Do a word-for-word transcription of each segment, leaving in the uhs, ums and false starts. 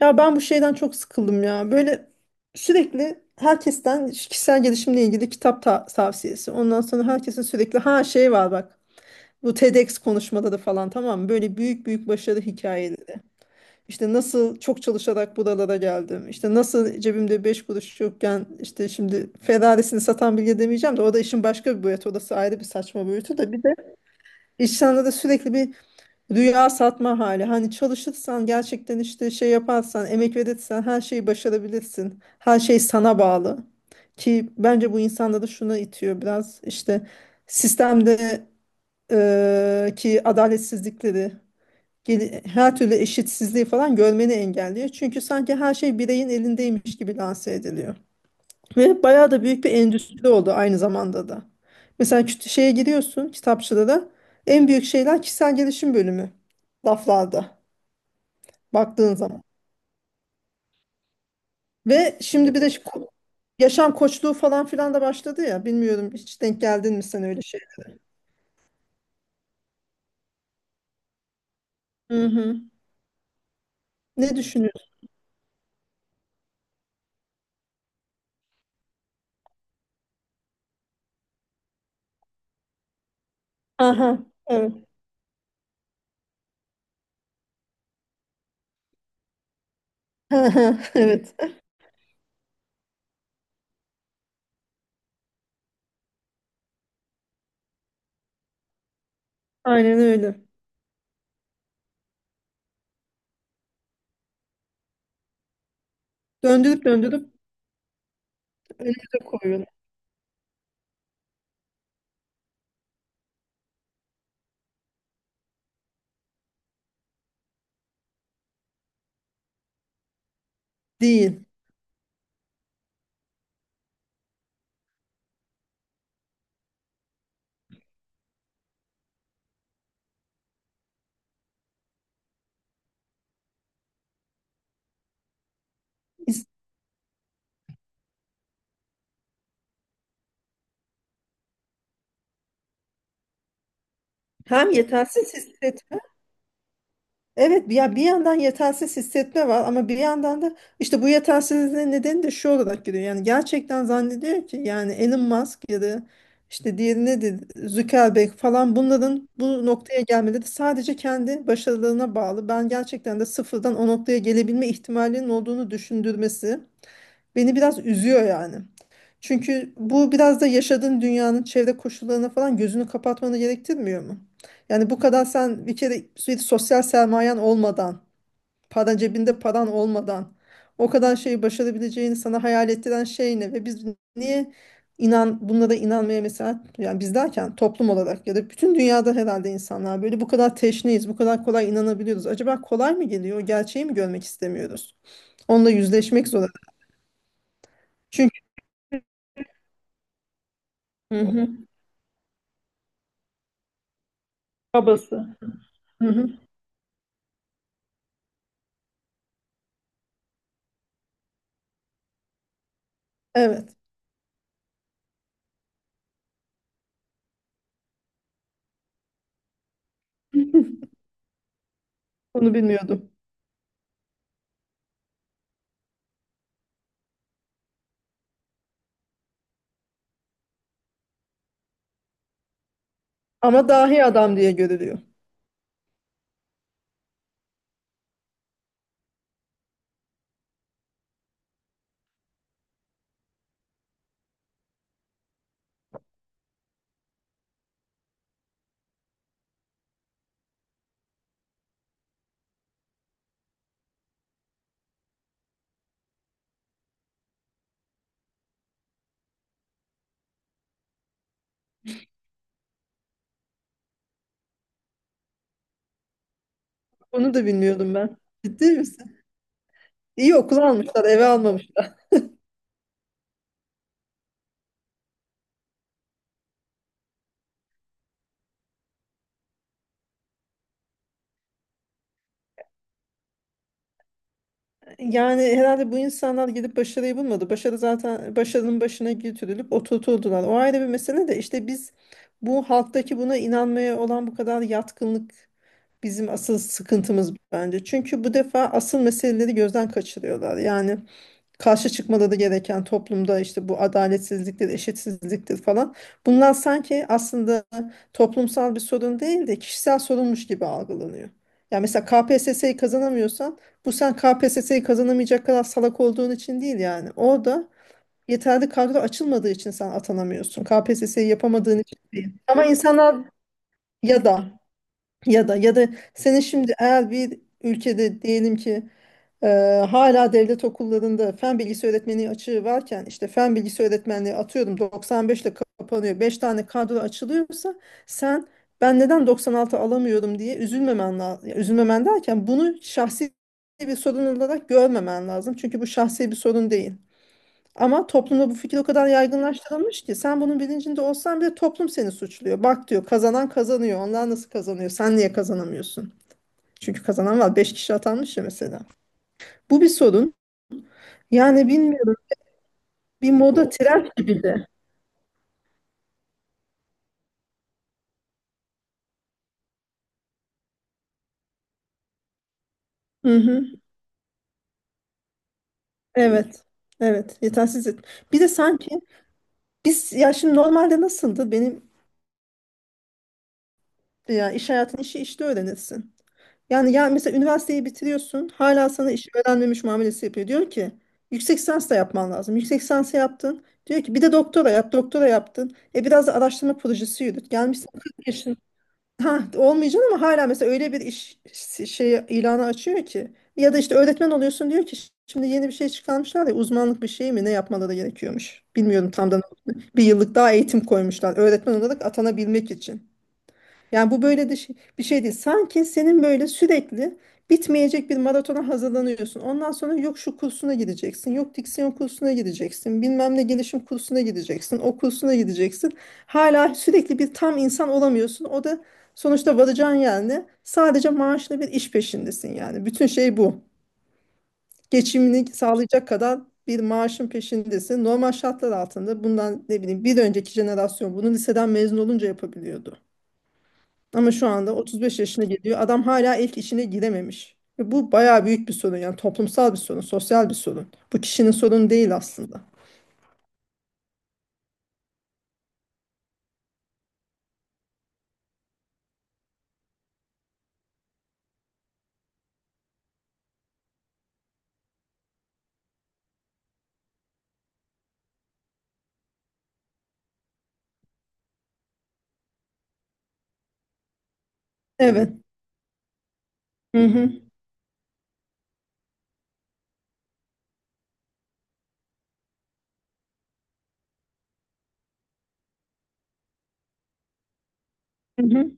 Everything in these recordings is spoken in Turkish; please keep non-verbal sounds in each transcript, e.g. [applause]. Ya ben bu şeyden çok sıkıldım ya. Böyle sürekli herkesten kişisel gelişimle ilgili kitap ta- tavsiyesi. Ondan sonra herkesin sürekli ha şey var bak. Bu TEDx konuşmaları falan tamam mı? Böyle büyük büyük başarı hikayeleri. İşte nasıl çok çalışarak buralara geldim. İşte nasıl cebimde beş kuruş yokken işte şimdi Ferrari'sini satan bilge demeyeceğim de o da işin başka bir boyutu. Orası ayrı bir saçma boyutu da bir de insanlara sürekli bir rüya satma hali. Hani çalışırsan gerçekten işte şey yaparsan, emek verirsen her şeyi başarabilirsin. Her şey sana bağlı. Ki bence bu insanları şuna itiyor biraz işte sistemde, e, ki adaletsizlikleri, gel- her türlü eşitsizliği falan görmeni engelliyor. Çünkü sanki her şey bireyin elindeymiş gibi lanse ediliyor. Ve bayağı da büyük bir endüstri oldu aynı zamanda da. Mesela küt- şeye giriyorsun, kitapçıda da en büyük şeyler kişisel gelişim bölümü laflarda baktığın zaman. Ve şimdi bir de şu ko- yaşam koçluğu falan filan da başladı ya, bilmiyorum, hiç denk geldin mi sen öyle şey? Hı hı. Ne düşünüyorsun? Aha, evet. [laughs] Aha, evet. Aynen öyle. Döndürüp döndürüp önümüze koyuyorlar. Değil. Biz- Hem yetersiz hisset, Evet, ya bir yandan yetersiz hissetme var ama bir yandan da işte bu yetersizliğin nedeni de şu olarak geliyor. Yani gerçekten zannediyor ki yani Elon Musk ya da işte diğeri nedir, Zuckerberg falan, bunların bu noktaya gelmeleri sadece kendi başarılarına bağlı. Ben gerçekten de sıfırdan o noktaya gelebilme ihtimalinin olduğunu düşündürmesi beni biraz üzüyor yani. Çünkü bu biraz da yaşadığın dünyanın çevre koşullarına falan gözünü kapatmanı gerektirmiyor mu? Yani bu kadar sen bir kere sürekli sosyal sermayen olmadan, paran cebinde paran olmadan o kadar şeyi başarabileceğini sana hayal ettiren şey ne? Ve biz niye inan bunlara inanmaya mesela, yani biz derken toplum olarak ya da bütün dünyada herhalde insanlar, böyle bu kadar teşneyiz, bu kadar kolay inanabiliyoruz. Acaba kolay mı geliyor? O gerçeği mi görmek istemiyoruz? Onunla yüzleşmek zorunda. Çünkü. Hı hı. Babası. Hı hı. Evet. [laughs] Bunu bilmiyordum. Ama dahi adam diye görülüyor. Bunu da bilmiyordum ben. Ciddi misin? İyi, okul almışlar, eve almamışlar. Yani herhalde bu insanlar gidip başarıyı bulmadı. Başarı zaten, başarının başına götürülüp oturtuldular. O ayrı bir mesele de işte biz, bu halktaki buna inanmaya olan bu kadar yatkınlık bizim asıl sıkıntımız bence. Çünkü bu defa asıl meseleleri gözden kaçırıyorlar. Yani karşı çıkmaları gereken toplumda işte bu, adaletsizliktir, eşitsizliktir falan. Bunlar sanki aslında toplumsal bir sorun değil de kişisel sorunmuş gibi algılanıyor. Ya mesela K P S S'yi kazanamıyorsan bu, sen K P S S'yi kazanamayacak kadar salak olduğun için değil yani. Orada yeterli kadro açılmadığı için sen atanamıyorsun. K P S S'yi yapamadığın için değil. Ama insanlar ya da ya da ya da senin şimdi, eğer bir ülkede diyelim ki, e, hala devlet okullarında fen bilgisi öğretmeni açığı varken, işte fen bilgisi öğretmenliği atıyorum doksan beş ile kapanıyor, beş tane kadro açılıyorsa sen, ben neden doksan altı alamıyorum diye üzülmemen lazım. Üzülmemen derken, bunu şahsi bir sorun olarak görmemen lazım. Çünkü bu şahsi bir sorun değil. Ama toplumda bu fikir o kadar yaygınlaştırılmış ki sen bunun bilincinde olsan bile toplum seni suçluyor. Bak, diyor, kazanan kazanıyor. Onlar nasıl kazanıyor? Sen niye kazanamıyorsun? Çünkü kazanan var. Beş kişi atanmış ya mesela. Bu bir sorun. Yani bilmiyorum. Bir moda trend gibi de. Hı hı. Evet. Evet. Yetersiz. et- Bir de sanki biz, ya şimdi normalde nasıldı? Benim, ya iş hayatının işi işte öğrenirsin. Yani ya mesela üniversiteyi bitiriyorsun, hala sana iş öğrenmemiş muamelesi yapıyor. Diyor ki yüksek lisans da yapman lazım. Yüksek lisans yaptın. Diyor ki bir de doktora yap, doktora yaptın. E biraz da araştırma projesi yürüt. Gelmişsin kırk yaşın. Ha, olmayacak, ama hala mesela öyle bir iş şey ilanı açıyor ki. Ya da işte öğretmen oluyorsun, diyor ki şimdi yeni bir şey çıkarmışlar ya, uzmanlık bir şey mi, ne yapmaları gerekiyormuş, bilmiyorum tam da ne olduğunu. Bir yıllık daha eğitim koymuşlar öğretmen olarak atanabilmek için. Yani bu böyle de şey- bir şey değil. Sanki senin böyle sürekli bitmeyecek bir maratona hazırlanıyorsun. Ondan sonra yok şu kursuna gideceksin, yok diksiyon kursuna gideceksin, bilmem ne gelişim kursuna gideceksin, o kursuna gideceksin. Hala sürekli, bir tam insan olamıyorsun. O da sonuçta varacağın yer ne? Sadece maaşlı bir iş peşindesin yani. Bütün şey bu. Geçimini sağlayacak kadar bir maaşın peşindesin. Normal şartlar altında bundan, ne bileyim, bir önceki jenerasyon bunu liseden mezun olunca yapabiliyordu. Ama şu anda otuz beş yaşına geliyor. Adam hala ilk işine girememiş. Ve bu bayağı büyük bir sorun, yani toplumsal bir sorun, sosyal bir sorun. Bu kişinin sorunu değil aslında. Evet. Hı hı. Hı hı.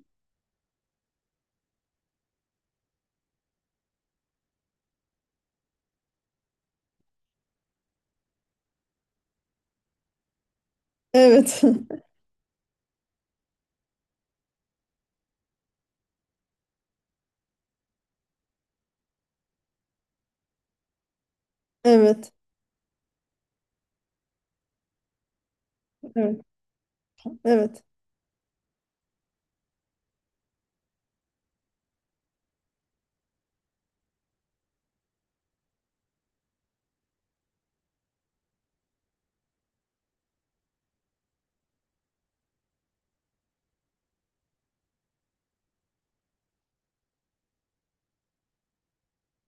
Evet. [laughs] Evet. Evet. Evet.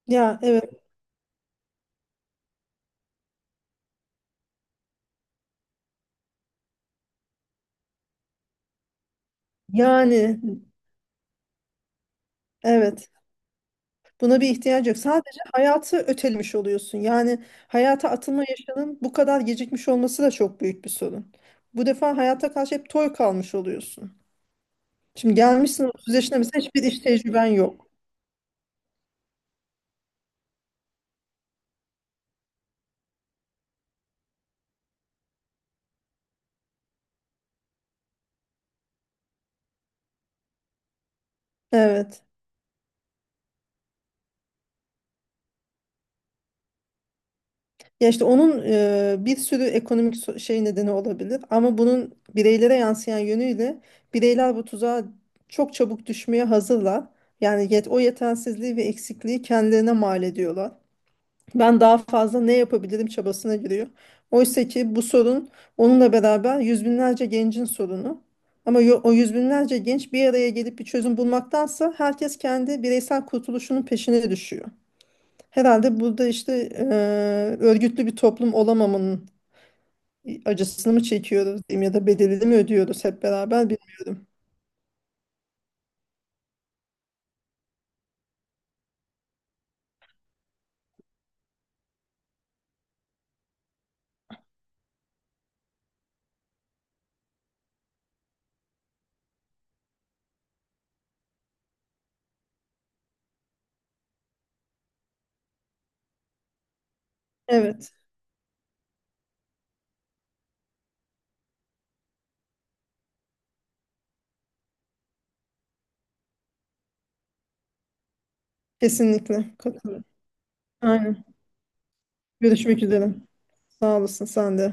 Ya, evet. Yani, evet. Buna bir ihtiyaç yok. Sadece hayatı ötelemiş oluyorsun. Yani hayata atılma yaşının bu kadar gecikmiş olması da çok büyük bir sorun. Bu defa hayata karşı hep toy kalmış oluyorsun. Şimdi gelmişsin otuz yaşına mesela, hiçbir iş tecrüben yok. Evet. Ya işte onun e, bir sürü ekonomik so- şey nedeni olabilir, ama bunun bireylere yansıyan yönüyle, bireyler bu tuzağa çok çabuk düşmeye hazırlar. Yani yet o yetersizliği ve eksikliği kendilerine mal ediyorlar. Ben daha fazla ne yapabilirim çabasına giriyor. Oysa ki bu sorun, onunla beraber yüz binlerce gencin sorunu. Ama yo- o yüz binlerce genç bir araya gelip bir çözüm bulmaktansa, herkes kendi bireysel kurtuluşunun peşine düşüyor. Herhalde burada işte, eee, örgütlü bir toplum olamamanın acısını mı çekiyoruz diyeyim, ya da bedelini mi ödüyoruz hep beraber? Bir. Evet, kesinlikle katılıyorum. Aynen. Görüşmek üzere. Sağ olasın sen de.